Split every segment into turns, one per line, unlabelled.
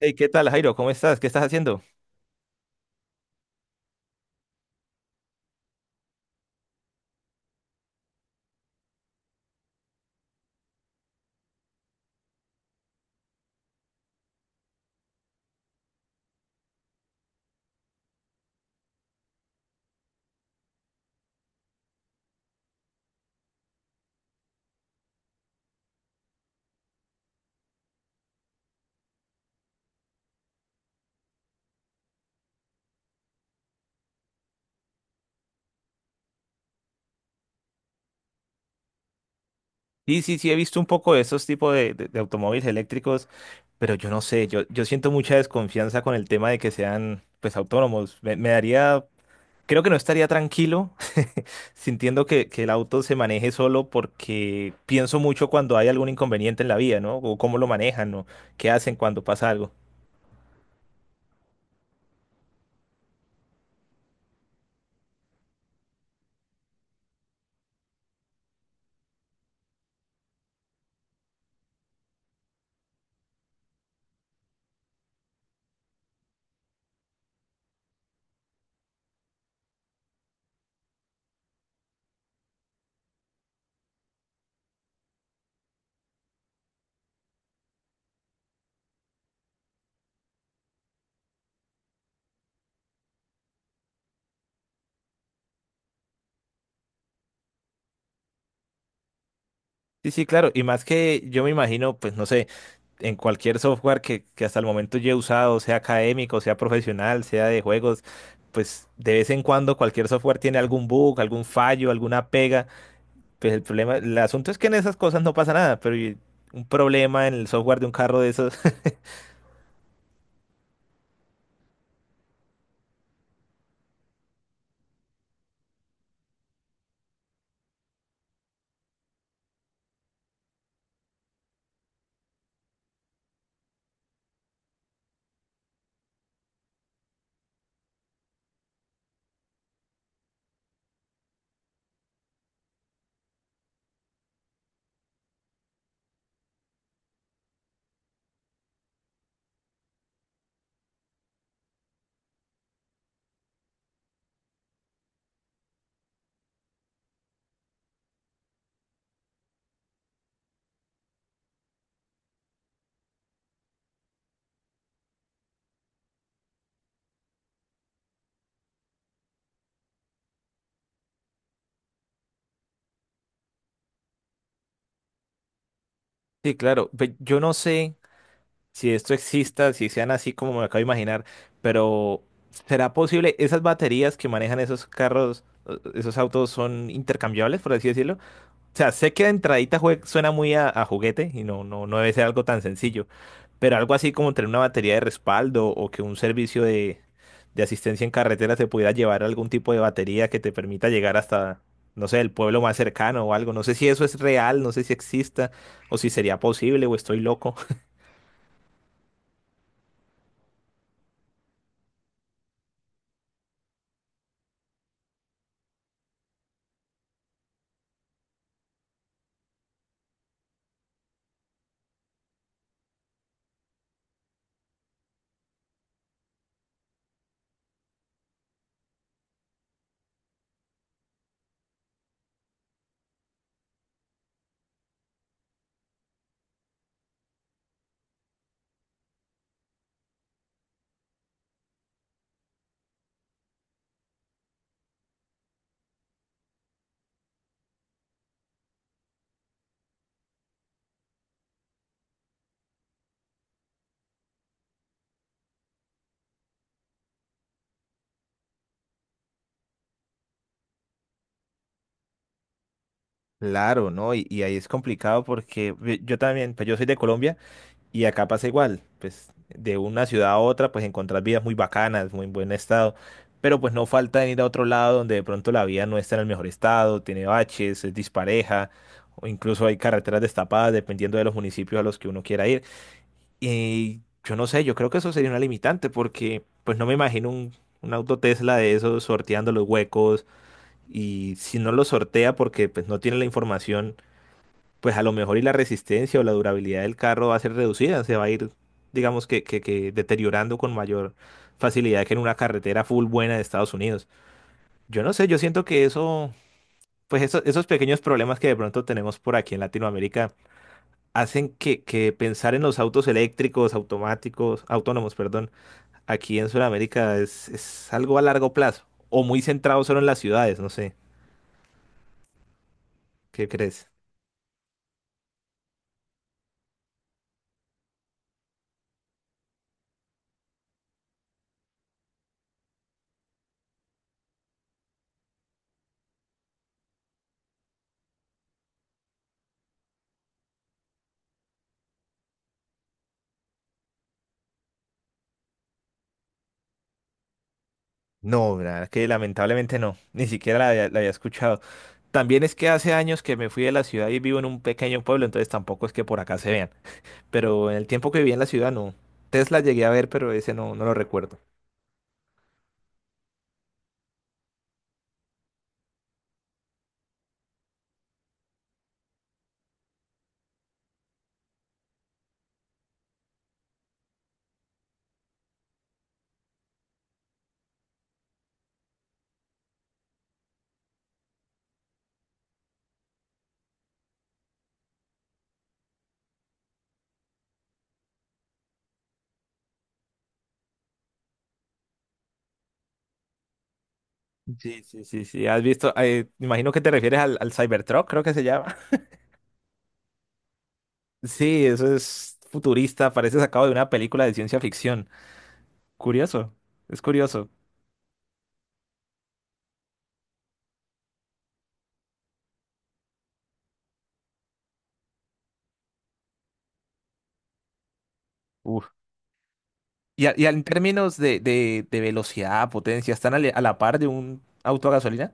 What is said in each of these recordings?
Hey, ¿qué tal, Jairo? ¿Cómo estás? ¿Qué estás haciendo? Sí, sí, sí, he visto un poco de esos tipos de automóviles eléctricos, pero yo no sé, yo siento mucha desconfianza con el tema de que sean, pues, autónomos. Me daría, creo que no estaría tranquilo sintiendo que el auto se maneje solo porque pienso mucho cuando hay algún inconveniente en la vía, ¿no? O cómo lo manejan, ¿no? ¿Qué hacen cuando pasa algo? Sí, sí, claro. Y más que yo me imagino, pues no sé, en cualquier software que hasta el momento yo he usado, sea académico, sea profesional, sea de juegos, pues de vez en cuando cualquier software tiene algún bug, algún fallo, alguna pega. Pues el problema, el asunto es que en esas cosas no pasa nada, pero y un problema en el software de un carro de esos. Sí, claro. Yo no sé si esto exista, si sean así como me acabo de imaginar, pero ¿será posible? ¿Esas baterías que manejan esos carros, esos autos son intercambiables, por así decirlo? O sea, sé que de entradita suena muy a juguete y no, no, no debe ser algo tan sencillo, pero algo así como tener una batería de respaldo o que un servicio de asistencia en carretera te pudiera llevar algún tipo de batería que te permita llegar hasta, no sé, el pueblo más cercano o algo. No sé si eso es real, no sé si exista o si sería posible o estoy loco. Claro, ¿no? Y ahí es complicado porque yo también, pues yo soy de Colombia. Y acá pasa igual, pues de una ciudad a otra, pues encontrar vidas muy bacanas, muy en buen estado, pero pues no falta en ir a otro lado donde de pronto la vía no está en el mejor estado, tiene baches, es dispareja, o incluso hay carreteras destapadas dependiendo de los municipios a los que uno quiera ir. Y yo no sé, yo creo que eso sería una limitante porque pues no me imagino un auto Tesla de esos sorteando los huecos y si no lo sortea porque pues no tiene la información pues a lo mejor y la resistencia o la durabilidad del carro va a ser reducida, se va a ir, digamos que deteriorando con mayor facilidad que en una carretera full buena de Estados Unidos. Yo no sé, yo siento que eso, pues esos pequeños problemas que de pronto tenemos por aquí en Latinoamérica hacen que pensar en los autos eléctricos, automáticos, autónomos, perdón, aquí en Sudamérica es algo a largo plazo o muy centrado solo en las ciudades, no sé, ¿qué crees? No, la verdad que lamentablemente no, ni siquiera la había escuchado. También es que hace años que me fui de la ciudad y vivo en un pequeño pueblo, entonces tampoco es que por acá se vean. Pero en el tiempo que viví en la ciudad, no. Tesla llegué a ver, pero ese no, no lo recuerdo. Sí, sí, sí, sí. ¿Has visto? Imagino que te refieres al Cybertruck, creo que se llama. Sí, eso es futurista, parece sacado de una película de ciencia ficción. Curioso, es curioso. Uf. Y, y en términos de velocidad, potencia, ¿están a la par de un auto a gasolina?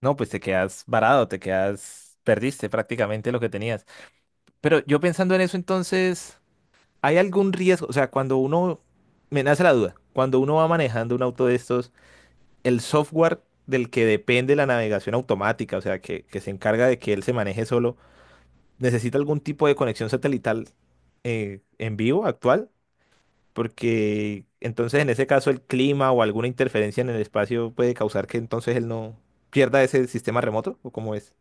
No, pues te quedas varado, te quedas, perdiste prácticamente lo que tenías. Pero yo pensando en eso, entonces, ¿hay algún riesgo? O sea, cuando uno, me nace la duda, cuando uno va manejando un auto de estos, el software del que depende la navegación automática, o sea, que se encarga de que él se maneje solo, ¿necesita algún tipo de conexión satelital en vivo actual? Porque entonces en ese caso el clima o alguna interferencia en el espacio puede causar que entonces él no pierda ese sistema remoto, ¿o cómo es?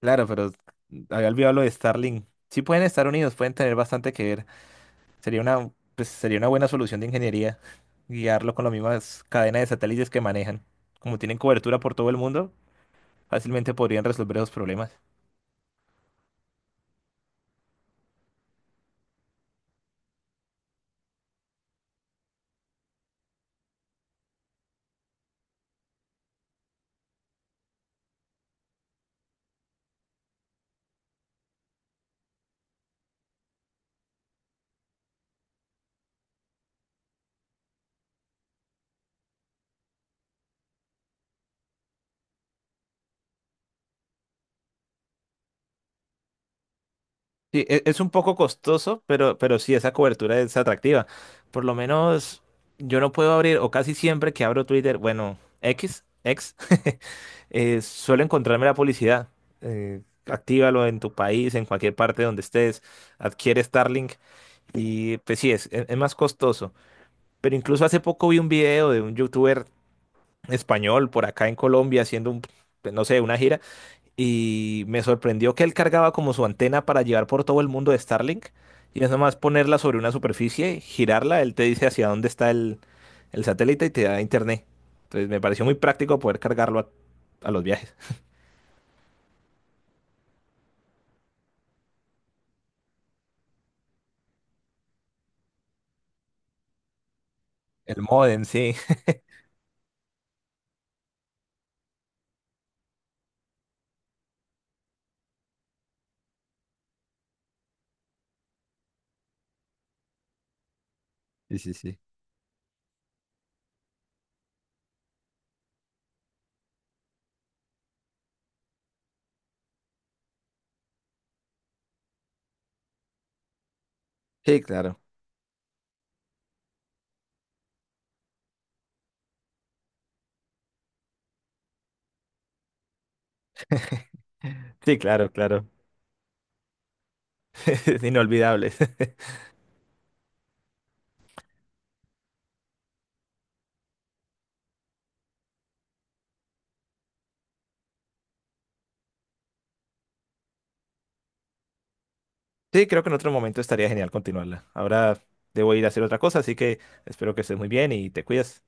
Claro, pero había olvidado lo de Starlink. Sí pueden estar unidos, pueden tener bastante que ver. Sería una, pues, sería una buena solución de ingeniería guiarlo con las mismas cadenas de satélites que manejan. Como tienen cobertura por todo el mundo, fácilmente podrían resolver esos problemas. Sí, es un poco costoso, pero sí, esa cobertura es atractiva. Por lo menos yo no puedo abrir, o casi siempre que abro Twitter, bueno, X. Suelo encontrarme la publicidad. Eh, actívalo en tu país, en cualquier parte donde estés, adquiere Starlink y pues sí, es es más costoso. Pero incluso hace poco vi un video de un youtuber español por acá en Colombia haciendo un, pues, no sé, una gira y me sorprendió que él cargaba como su antena para llevar por todo el mundo de Starlink y es nomás ponerla sobre una superficie, girarla, él te dice hacia dónde está el satélite y te da internet. Entonces me pareció muy práctico poder cargarlo a los viajes. El módem, sí. Sí, sí, sí. Sí, claro. Sí, claro, claro. Es inolvidable. Sí, creo que en otro momento estaría genial continuarla. Ahora debo ir a hacer otra cosa, así que espero que estés muy bien y te cuidas.